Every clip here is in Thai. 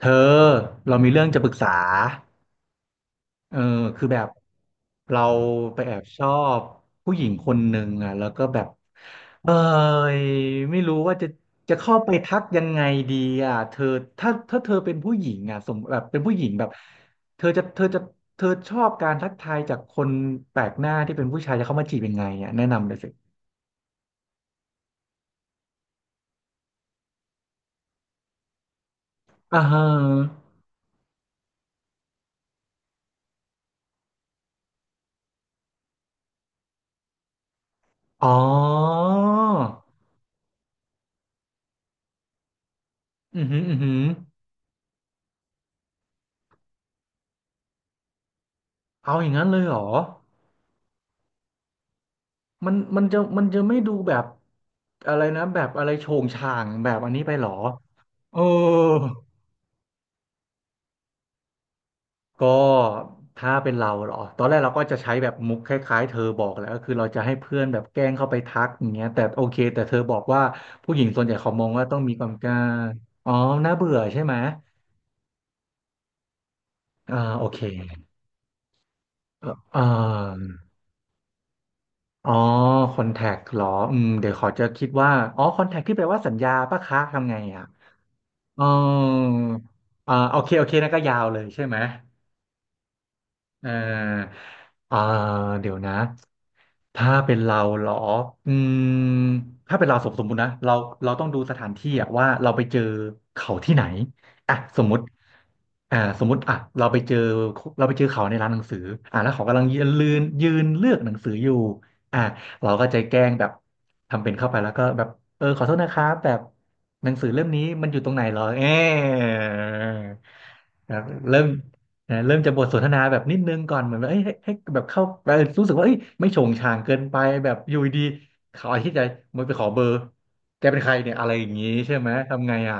เธอเรามีเรื่องจะปรึกษาเออคือแบบเราไปแอบชอบผู้หญิงคนหนึ่งอ่ะแล้วก็แบบเออไม่รู้ว่าจะเข้าไปทักยังไงดีอ่ะเธอถ้าเธอเป็นผู้หญิงอ่ะแบบเป็นผู้หญิงแบบเธอจะเธอจะเธอชอบการทักทายจากคนแปลกหน้าที่เป็นผู้ชายจะเข้ามาจีบยังไงอ่ะแนะนำเลยสิอ่าฮะอ๋ออือหืออือหือเอาอย่างนั้นเลยเหรอ มันจะไม่ดูแบบอะไรนะแบบอะไรโฉงฉางแบบอันนี้ไปหรอเออก็ถ้าเป็นเราเหรอตอนแรกเราก็จะใช้แบบมุกคล้ายๆเธอบอกแหล้วก็คือเราจะให้เพื่อนแบบแกล้งเข้าไปทักอย่างเงี้ยแต่โอเคแต่เธอบอกว่าผู้หญิงส่วนใหญ่เขามองว่าต้องมีความกล้าอ๋อน่าเบื่อใช่ไหมอ่าโอเคเอ่อเอ่ออ๋อคอนแทคหรอเดี๋ยวขอจะคิดว่าอ๋อคอนแทคที่แปลว่าสัญญาปะคะทำไงอ่ะ อ๋ออ่าโอเคโอเคนั่นก็ยาวเลยใช่ไหม เอออ่าเดี๋ยวนะ ถ้าเป็นเราเหรออืมถ้าเป็นเราสมมุตินะเราเราต้องดูสถานที่อะว่าเราไปเจอเขาที่ไหนอ่ะสมมุติสมมุติอ่ะเราไปเจอเขาในร้านหนังสืออ่ะแล้วเขากำลังยืนยืนเลือกหนังสืออยู่อ่ะเราก็ใจแกล้งแบบทำเป็นเข้าไปแล้วก็แบบเออขอโทษนะครับแบบหนังสือเล่มนี้มันอยู่ตรงไหนเหรอเออแบบเริ่ม นะเริ่มจะบทสนทนาแบบนิดนึงก่อนเหมือนแบบเอ้ยให้แบบเข้าเออรู้สึกว่าเอ้ยไม่โฉงฉางเกินไปแบบอยู่ดีเขาอาทิตย์ใจมันไปขอเบอร์แกเป็นใครเนี่ยอะไรอย่างงี้ใช่ไหมทำไงอ่ะ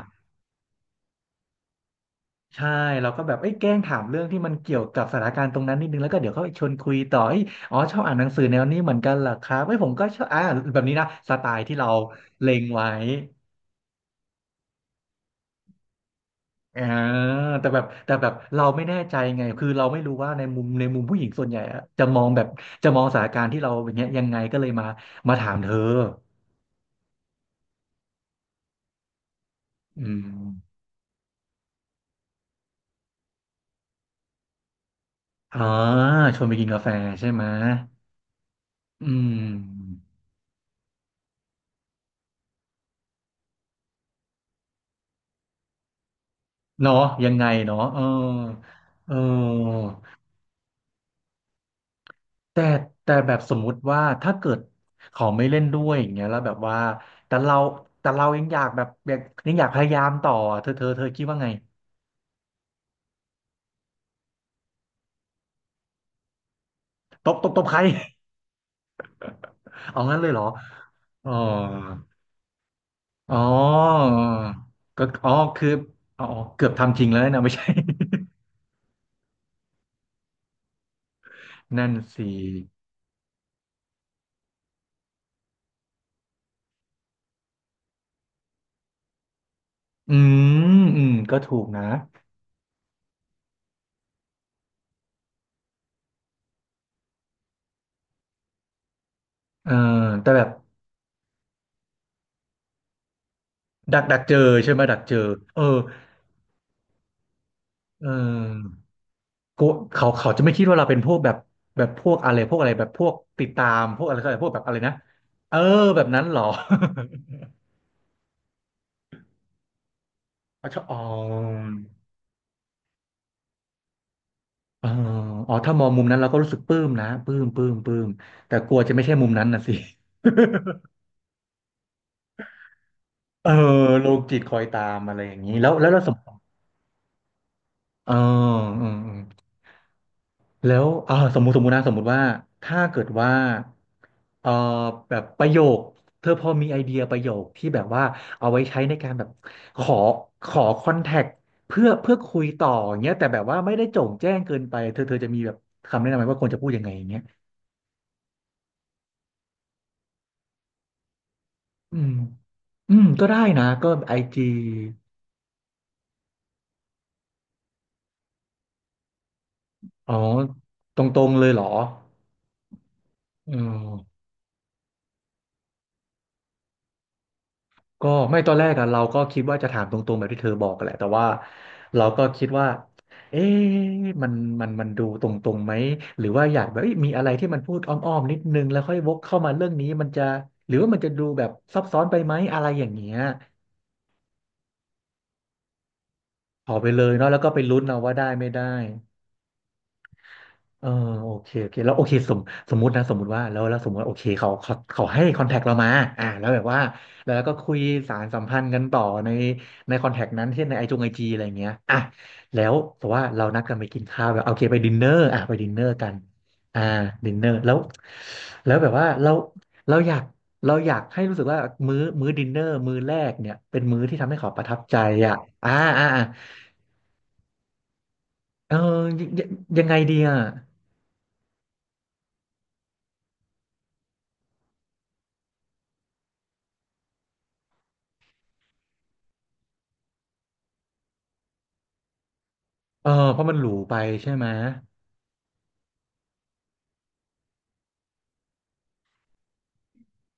ใช่เราก็แบบเอ้ยแกล้งถามเรื่องที่มันเกี่ยวกับสถานการณ์ตรงนั้นนิดนึงแล้วก็เดี๋ยวเขาชวนคุยต่อเอ้ยอ๋อชอบอ่านหนังสือแนวนี้เหมือนกันเหรอครับเอ้ยผมก็ชอบอ่าแบบนี้นะสไตล์ที่เราเล็งไว้ อ่าแต่แบบเราไม่แน่ใจไงคือเราไม่รู้ว่าในมุมผู้หญิงส่วนใหญ่อะจะมองแบบจะมองสถานการณ์ที่เราอย่างเงี้ยยังไงก็เลยมาถามเธออืมอ่าชวนไปกินกาแฟใช่ไหมอืมเนาะยังไงเนาะเออเออแต่แต่แบบสมมุติว่าถ้าเกิดเขาไม่เล่นด้วยอย่างเงี้ยแล้วแบบว่าแต่เราแต่เรายังอยากแบบอยากยังอยากพยายามต่อเธอคิดว่าไงตบตบใคร เอางั้นเลยเหรอ อ๋ออ๋อก็อ๋อคืออ๋อเกือบทำจริงแล้วนะไม่ใช่ นั่นสิอืมอืมก็ถูกนะเออแต่แบบดักเจอใช่ไหมดักเจอเออเออกูเขาเขาจะไม่คิดว่าเราเป็นพวกแบบแบบพวกอะไรพวกอะไรแบบพวกติดตามพวกอะไรอะไรพวกแบบอะไรนะเออแบบนั้นเหรอ อ๋อออ๋อเอออ๋อถ้ามองมุมนั้นเราก็รู้สึกปลื้มนะปลื้มปลื้มปลื้มแต่กลัวจะไม่ใช่มุมนั้นนะสิ เออโลจิตคอยตามอะไรอย่างนี้แล้วเราสมมติเอออืมแล้วอ่าสมมุตินะสมมุติว่าถ้าเกิดว่าเออแบบประโยคเธอพอมีไอเดียประโยคที่แบบว่าเอาไว้ใช้ในการแบบขอขอคอนแทคเพื่อคุยต่ออย่างเงี้ยแต่แบบว่าไม่ได้โจ่งแจ้งเกินไปเธอจะมีแบบคำแนะนำไหมว่าควรจะพูดยังไงอย่างเงี้ยอืมอืมก็ได้นะก็ไอจีอ๋อตรงๆเลยเหรออืม ก็ไม่ตอนแรกอะเราก็คิดว่าจะถามตรงๆแบบที่เธอบอกกันแหละแต่ว่าเราก็คิดว่าเอ๊ะมันมันดูตรงๆไหมหรือว่าอยากแบบเอ้ยมีอะไรที่มันพูดอ้อมๆนิดนึงแล้วค่อยวกเข้ามาเรื่องนี้มันจะหรือว่ามันจะดูแบบซับซ้อนไปไหมอะไรอย่างเงี้ยขอไปเลยเนาะแล้วก็ไปลุ้นเอาว่าได้ไม่ได้ เออโอเคโอเคแล้วโอเคสมมุติว่าแล้วแล้วสมมติว่าโอเคเขาให้คอนแทคเรามาอ่าแล้วแบบว่าแล้วก็คุยสารสัมพันธ์กันต่อในคอนแทคนั้นเช่นในไอจีอะไรเงี้ยอ่ะแล้วแต่ว่าเรานัดกันไปกินข้าวแบบโอเคไปดินเนอร์อ่ะไปดินเนอร์กันอ่าดินเนอร์แล้วแล้วแบบว่าเราเราอยากเราอยากให้รู้สึกว่ามื้อดินเนอร์มื้อแรกเนี่ยเป็นมื้อที่ทำให้เขาประทับใจอ่ะอ่าอ่าอ่าเออยังยังยังไงดีอ่ะเออเพราะมันหรูไปใช่ไหม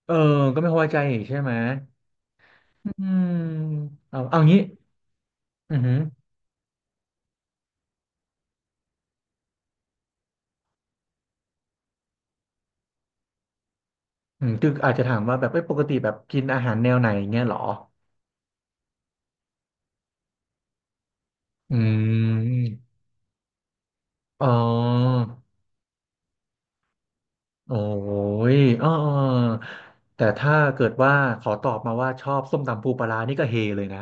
เออก็ไม่พอใจอีกใช่ไหมอืมเอางี้อือหืออืมคืออาจจะถามว่าแบบเอ้ยปกติแบบกินอาหารแนวไหนเงี้ยเหรออืมอ๋อโอ้ยอ๋ออ๋อแต่ถ้าเกิดว่าขอตอบมาว่าชอบส้มตำปูปลาร้านี่ก็เฮเลยนะ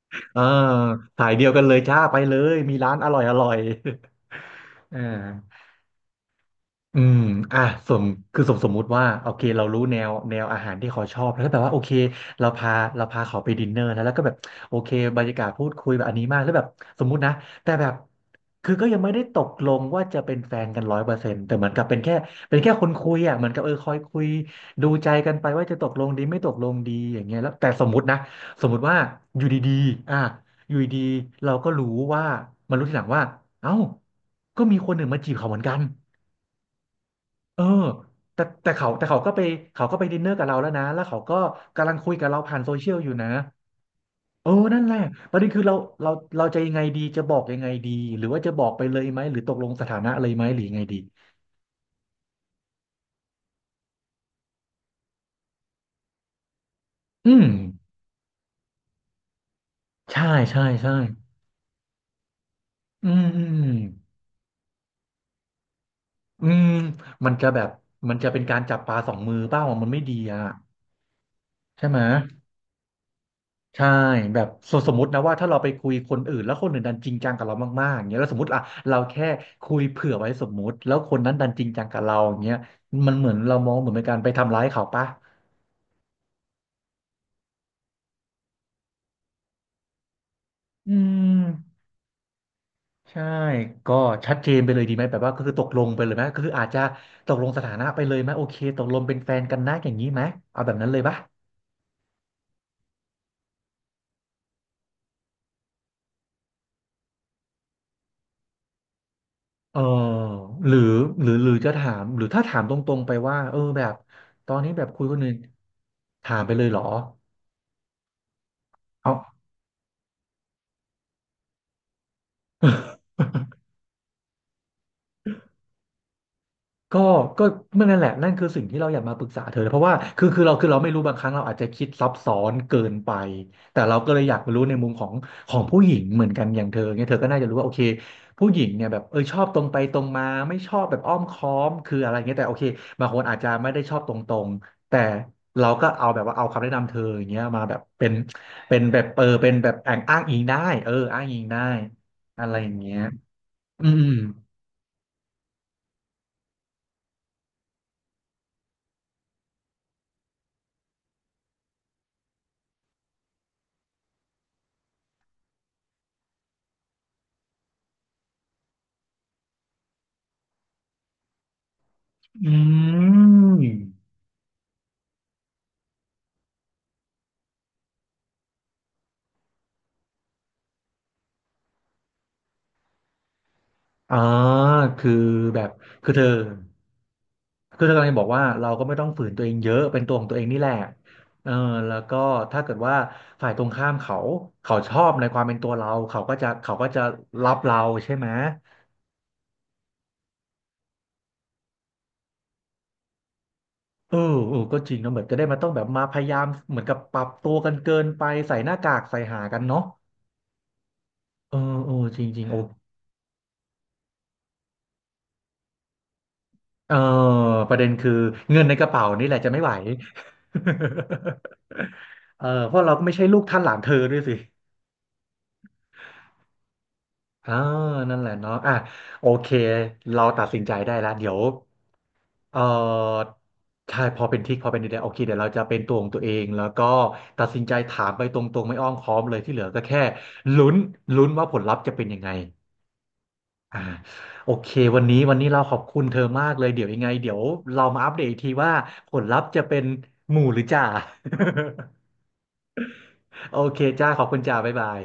เออสายเดียวกันเลยจ้าไปเลย มีร้านอร่อยอร่อย อ่า อืมอ่ะสมสมมุติว่าโอเคเรารู้แนวอาหารที่เขาชอบแล้วก็แบบว่าโอเคเราพาเราพาเขาไปดินเนอร์นะแล้วก็แบบโอเคบรรยากาศพูดคุยแบบอันนี้มากแล้วแบบสมมุตินะแต่แบบคือก็ยังไม่ได้ตกลงว่าจะเป็นแฟนกันร้อยเปอร์เซ็นต์แต่เหมือนกับเป็นแค่คนคุยอ่ะเหมือนกับเออคอยคุยดูใจกันไปว่าจะตกลงดีไม่ตกลงดีอย่างเงี้ยแล้วแต่สมมุตินะสมมุติว่าอยู่ดีๆอ่ะอยู่ดีๆเราก็รู้ว่ามารู้ทีหลังว่าเอ้าก็มีคนหนึ่งมาจีบเขาเหมือนกัน เออแต่เขาก็ไปเขาก็ไปดินเนอร์กับเราแล้วนะแล้วเขาก็กำลังคุยกับเราผ่านโซเชียลอยู่นะเออนั่นแหละประเด็นคือเราเราจะยังไงดีจะบอกยังไงดีหรือว่าจะบอกไปเลยไหมหรือตกลงสถานะเลยไหมหรือยังไงดีอืมใช่ใช่ใช่อืมอืมอืมมันจะแบบมันจะเป็นการจับปลาสองมือเปล่ามันไม่ดีอ่ะใช่ไหม ใช่แบบสมมตินะว่าถ้าเราไปคุยคนอื่นแล้วคนอื่นดันจริงจังกับเรามากๆอย่างเงี้ยแล้วสมมติอ่ะเราแค่คุยเผื่อไว้สมมุติแล้วคนนั้นดันจริงจังกับเราอย่างเงี้ยมันเหมือนเรามองเหมือนเป็นการไปทำร้ายเขาปะอืมใช่ก็ชัดเจนไปเลยดีไหมแบบว่าก็คือตกลงไปเลยไหมก็คืออาจจะตกลงสถานะไปเลยไหมโอเคตกลงเป็นแฟนกันนะอย่างนี้ไหมเอาแบบนั้นเลยปะเออหรือหรือจะถามหรือถ้าถามตรงๆไปว่าเออแบบตอนนี้แบบคุยคนอื่นถามไปเลยเหรอเอา ก็ก็เมื่อนั่นแหละนั่นคือสิ่งที่เราอยากมาปรึกษาเธอเพราะว่าคือเราไม่รู้บางครั้งเราอาจจะคิดซับซ้อนเกินไปแต่เราก็เลยอยากรู้ในมุมของผู้หญิงเหมือนกันอย่างเธอเนี่ยเธอก็น่าจะรู้ว่าโอเคผู้หญิงเนี่ยแบบเออชอบตรงไปตรงมาไม่ชอบแบบอ้อมค้อมคืออะไรเงี้ยแต่โอเคบางคนอาจจะไม่ได้ชอบตรงๆแต่เราก็เอาแบบว่าเอาคำแนะนำเธออย่างเงี้ยมาแบบเป็นแบบเออเป็นแบบแองอ้างอิงได้เอออ้างอิงได้อะไรอย่างเงี้ยอืมอืม อ่าคือแบบคือเธอคือเธอกำลังจะบอกว่าเราก็ไม่ต้องฝืนตัวเองเยอะเป็นตัวของตัวเองนี่แหละเออแล้วก็ถ้าเกิดว่าฝ่ายตรงข้ามเขาชอบในความเป็นตัวเราเขาก็จะรับเราใช่ไหมเออเออก็จริงเนอะเหมือนจะได้มาต้องแบบมาพยายามเหมือนกับปรับตัวกันเกินไปใส่หน้ากากใส่หากันเนาะเออเออจริงจริงโอ เออประเด็นคือเงินในกระเป๋านี่แหละจะไม่ไหว เออเพราะเราก็ไม่ใช่ลูกท่านหลานเธอด้วยสิอ่านั่นแหละเนาะอ่ะโอเคเราตัดสินใจได้แล้วเดี๋ยวเออใช่พอเป็นดีๆโอเคเดี๋ยวเราจะเป็นตัวของตัวเองแล้วก็ตัดสินใจถามไปตรงๆไม่อ้อมค้อมเลยที่เหลือก็แค่ลุ้นลุ้นว่าผลลัพธ์จะเป็นยังไง อ่าโอเควันนี้เราขอบคุณเธอมากเลยเดี๋ยวยังไงเดี๋ยวเรามาอัปเดตอีกทีว่าผลลัพธ์จะเป็นหมู่หรือจ่า โอเคจ้าขอบคุณจ้าบ๊ายบาย